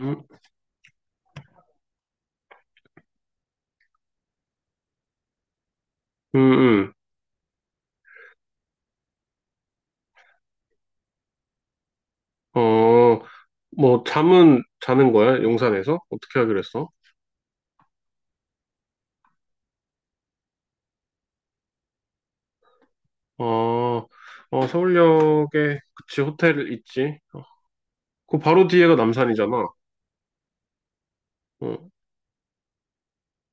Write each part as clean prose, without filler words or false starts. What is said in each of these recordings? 음, 음, 음. 어, 뭐, 잠은 자는 거야? 용산에서? 어떻게 하기로 했어? 어, 어, 서울역에, 그치, 호텔 있지. 어, 그 바로 뒤에가 남산이잖아. 어,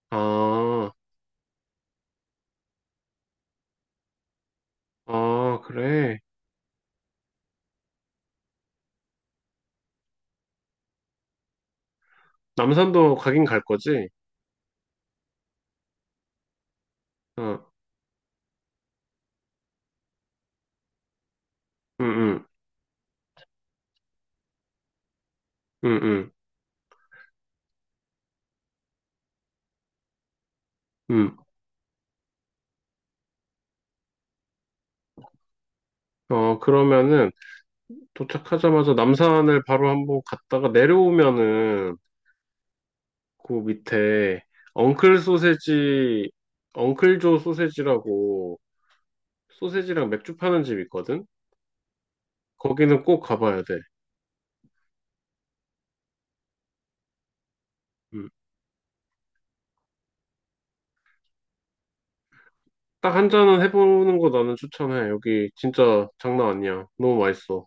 아, 아, 그래. 남산도 가긴 갈 거지? 어, 응, 응, 응, 응, 응. 어, 그러면은, 도착하자마자 남산을 바로 한번 갔다가 내려오면은, 그 밑에, 엉클 소세지, 엉클조 소세지라고, 소세지랑 맥주 파는 집 있거든? 거기는 꼭 가봐야 돼. 음. 딱 한 잔은 해보는 거 나는 추천해. 여기 진짜 장난 아니야. 너무 맛있어.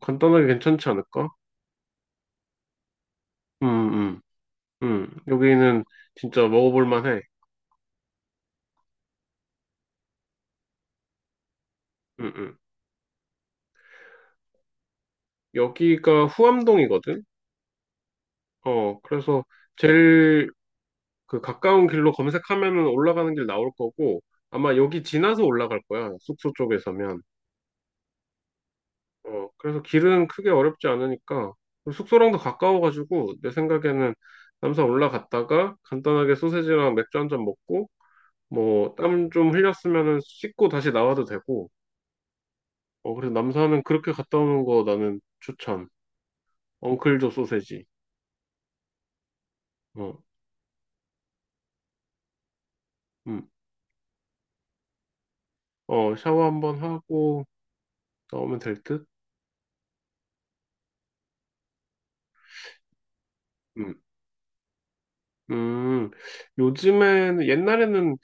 간단하게 괜찮지 않을까? 음, 음, 음. 여기는 진짜 먹어볼 만해. 음, 음. 여기가 후암동이거든? 어, 그래서 제일 그 가까운 길로 검색하면은 올라가는 길 나올 거고, 아마 여기 지나서 올라갈 거야. 숙소 쪽에서면. 어, 그래서 길은 크게 어렵지 않으니까 그리고 숙소랑도 가까워가지고 내 생각에는 남산 올라갔다가 간단하게 소세지랑 맥주 한 잔 먹고 뭐 땀 좀 흘렸으면은 씻고 다시 나와도 되고 어 그래서 남산은 그렇게 갔다 오는 거 나는 추천. 엉클조 소세지. 어, 음. 어 샤워 한번 하고 나오면 될 듯? 음. 음. 요즘에는 옛날에는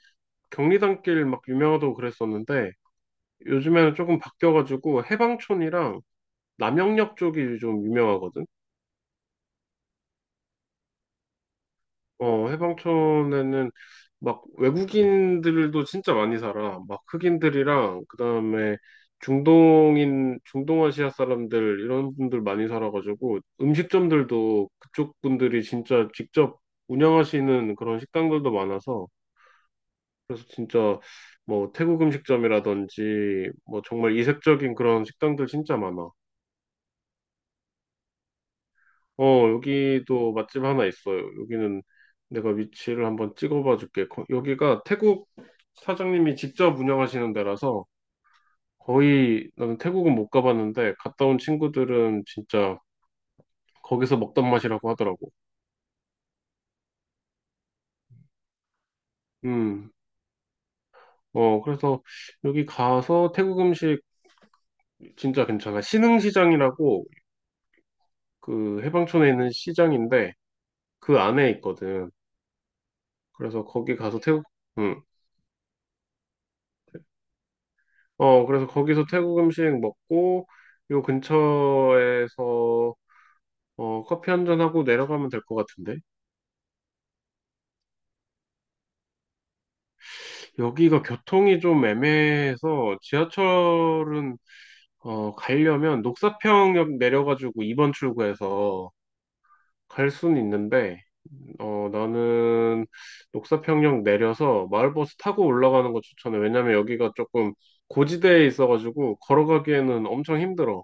경리단길 막 유명하다고 그랬었는데 요즘에는 조금 바뀌어가지고 해방촌이랑 남영역 쪽이 좀 유명하거든. 어, 해방촌에는 막 외국인들도 진짜 많이 살아. 막 흑인들이랑 그다음에 중동인, 중동아시아 사람들 이런 분들 많이 살아가지고 음식점들도 그쪽 분들이 진짜 직접 운영하시는 그런 식당들도 많아서 그래서 진짜 뭐 태국 음식점이라든지 뭐 정말 이색적인 그런 식당들 진짜 많아. 어, 여기도 맛집 하나 있어요. 여기는 내가 위치를 한번 찍어봐 줄게. 여기가 태국 사장님이 직접 운영하시는 데라서 거의 나는 태국은 못 가봤는데 갔다 온 친구들은 진짜 거기서 먹던 맛이라고 하더라고. 음, 어, 그래서 여기 가서 태국 음식 진짜 괜찮아. 신흥시장이라고 그 해방촌에 있는 시장인데 그 안에 있거든. 그래서 거기 가서 태국, 음, 어, 그래서 거기서 태국 음식 먹고, 요 근처에서, 어, 커피 한 잔하고 내려가면 될 것 같은데? 여기가 교통이 좀 애매해서, 지하철은, 어, 가려면 녹사평역 내려가지고 2번 출구에서 갈 수는 있는데, 어, 나는 녹사평역 내려서 마을버스 타고 올라가는 거 추천해. 왜냐면 여기가 조금 고지대에 있어가지고, 걸어가기에는 엄청 힘들어.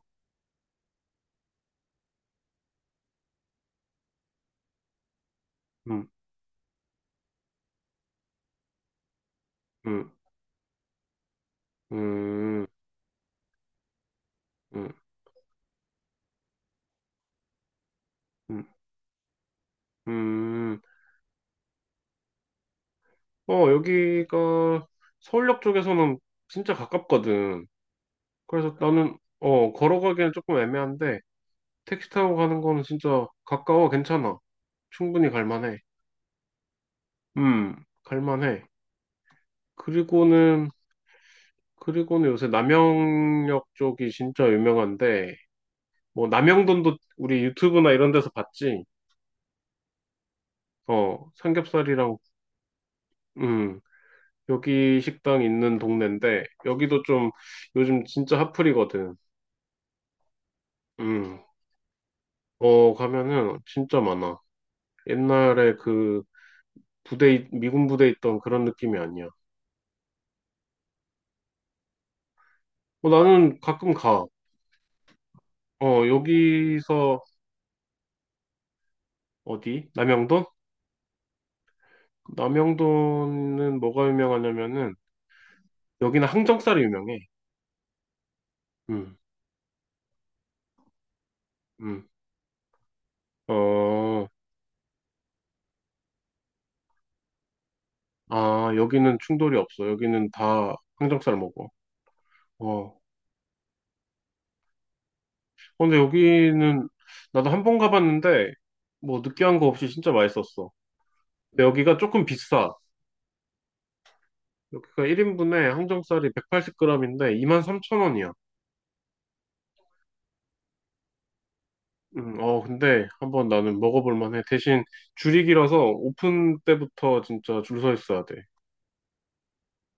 음, 음, 음, 음. 음. 음. 음, 어, 여기가 서울역 쪽에서는 진짜 가깝거든. 그래서 나는, 어, 걸어가기는 조금 애매한데, 택시 타고 가는 거는 진짜 가까워, 괜찮아. 충분히 갈만해. 음, 갈만해. 그리고는, 요새 남영역 쪽이 진짜 유명한데, 뭐, 남영돈도 우리 유튜브나 이런 데서 봤지? 어, 삼겹살이랑, 음, 여기 식당 있는 동네인데, 여기도 좀 요즘 진짜 핫플이거든. 음. 어, 가면은 진짜 많아. 옛날에 그 부대, 미군 부대 있던 그런 느낌이 아니야. 어, 나는 가끔 가. 어, 여기서. 어디? 남영돈? 남영돈은 뭐가 유명하냐면은 여기는 항정살이 유명해. 음, 음. 어, 아, 여기는 충돌이 없어. 여기는 다 항정살 먹어. 어. 어, 근데 여기는 나도 한 번 가봤는데 뭐 느끼한 거 없이 진짜 맛있었어. 근데 여기가 조금 비싸. 여기가 1인분에 항정살이 180g인데 23,000원이야. 어, 근데 한번 나는 먹어볼 만해. 대신 줄이 길어서 오픈 때부터 진짜 줄 서 있어야 돼.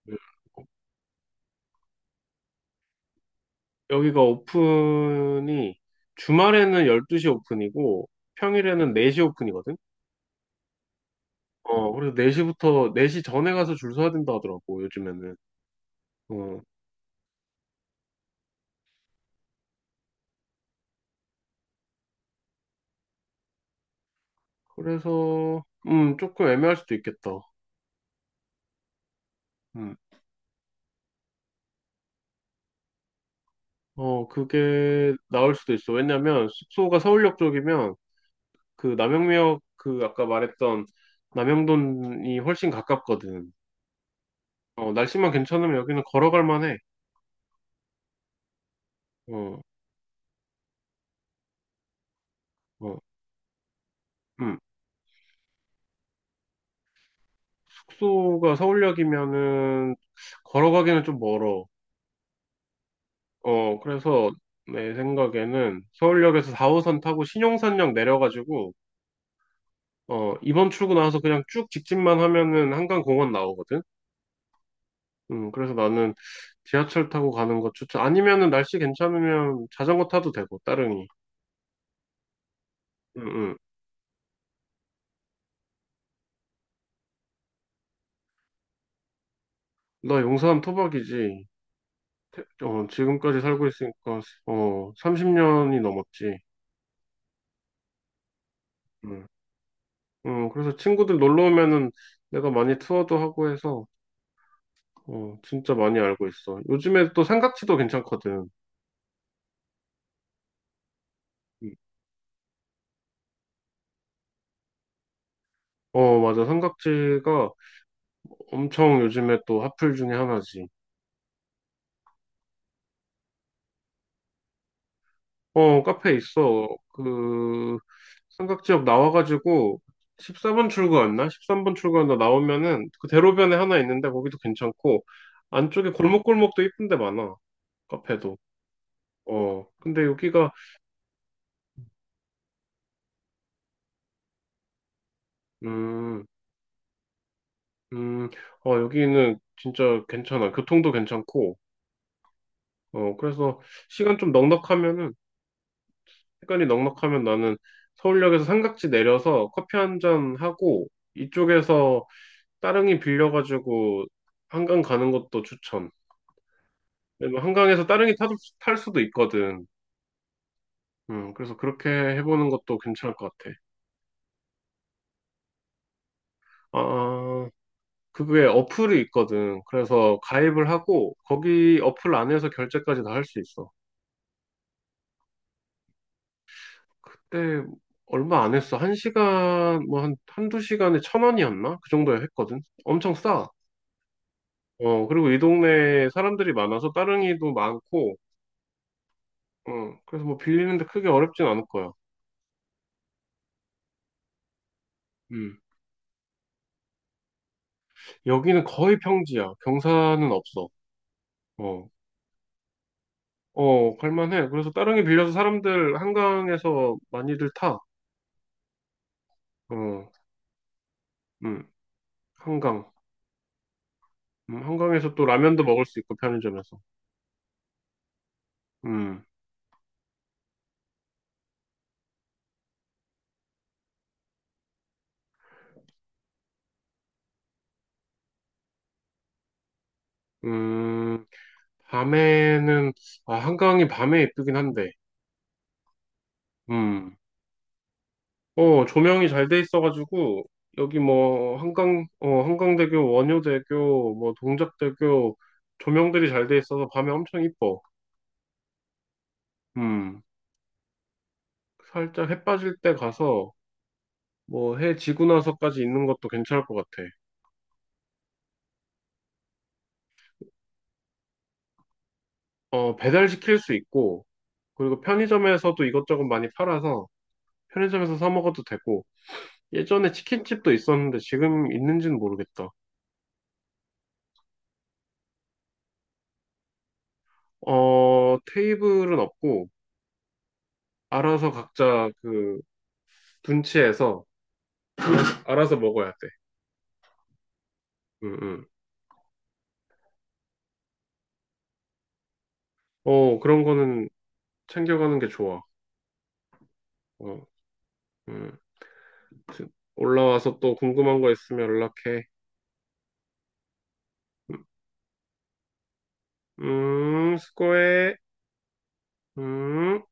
음, 여기가 오픈이 주말에는 12시 오픈이고 평일에는 4시 오픈이거든? 어, 그래서 4시부터, 네 시 전에 가서 줄 서야 된다 하더라고, 요즘에는. 어, 그래서, 조금 애매할 수도 있겠다. 음, 어, 그게 나을 수도 있어. 왜냐면 숙소가 서울역 쪽이면 그 남영미역 그 아까 말했던 남영돈이 훨씬 가깝거든. 어, 날씨만 괜찮으면 여기는 걸어갈 만해. 어, 어, 음. 숙소가 서울역이면은 걸어가기는 좀 멀어. 어, 그래서 내 생각에는 서울역에서 4호선 타고 신용산역 내려가지고 어, 이번 출구 나와서 그냥 쭉 직진만 하면은 한강공원 나오거든. 그래서 나는 지하철 타고 가는 거 추천. 아니면은 날씨 괜찮으면 자전거 타도 되고 따릉이. 음, 음. 나 용산 토박이지. 어, 지금까지 살고 있으니까, 어, 30년이 넘었지. 음. 그래서 친구들 놀러 오면은 내가 많이 투어도 하고 해서, 어, 진짜 많이 알고 있어. 요즘에 또 삼각지도 괜찮거든. 음. 어, 맞아. 삼각지가 엄청 요즘에 또 핫플 중에 하나지. 어, 카페 있어. 그, 삼각지역 나와가지고, 13번 출구였나? 13번 출구였나 나오면은, 그 대로변에 하나 있는데, 거기도 괜찮고, 안쪽에 골목골목도 이쁜 데 많아. 카페도. 어, 근데 여기가, 음, 음, 어, 여기는 진짜 괜찮아. 교통도 괜찮고, 어, 그래서 시간 좀 넉넉하면은, 시간이 넉넉하면 나는 서울역에서 삼각지 내려서 커피 한잔 하고, 이쪽에서 따릉이 빌려가지고 한강 가는 것도 추천. 근데 뭐 한강에서 따릉이 타도, 탈 수도 있거든. 그래서 그렇게 해보는 것도 괜찮을 것 같아. 아, 그게 어플이 있거든. 그래서 가입을 하고 거기 어플 안에서 결제까지 다 할 수 있어. 그때 얼마 안 했어. 한 시간, 뭐 한, 한두 시간에 천 원이었나? 그 정도에 했거든. 엄청 싸. 어, 그리고 이 동네에 사람들이 많아서 따릉이도 많고, 어, 그래서 뭐 빌리는데 크게 어렵진 않을 거야. 음. 여기는 거의 평지야. 경사는 없어. 어, 어, 갈만해. 그래서 따릉이 빌려서 사람들 한강에서 많이들 타. 어, 음, 한강. 한강에서 또 라면도 먹을 수 있고, 편의점에서. 음, 음, 밤에는, 아, 한강이 밤에 예쁘긴 한데, 음, 어, 조명이 잘 돼 있어가지고, 여기 뭐, 한강, 어, 한강대교, 원효대교, 뭐, 동작대교, 조명들이 잘 돼 있어서 밤에 엄청 이뻐. 음, 살짝 해 빠질 때 가서, 뭐 해 지고 나서까지 있는 것도 괜찮을 것 같아. 어, 배달시킬 수 있고, 그리고 편의점에서도 이것저것 많이 팔아서 편의점에서 사 먹어도 되고, 예전에 치킨집도 있었는데 지금 있는지는 모르겠다. 어, 테이블은 없고, 알아서 각자 그 분치해서 알아서 먹어야 돼. 응, 응. 어, 그런 거는 챙겨가는 게 좋아. 어, 음. 올라와서 또 궁금한 거 있으면 연락해. 수고해. 음.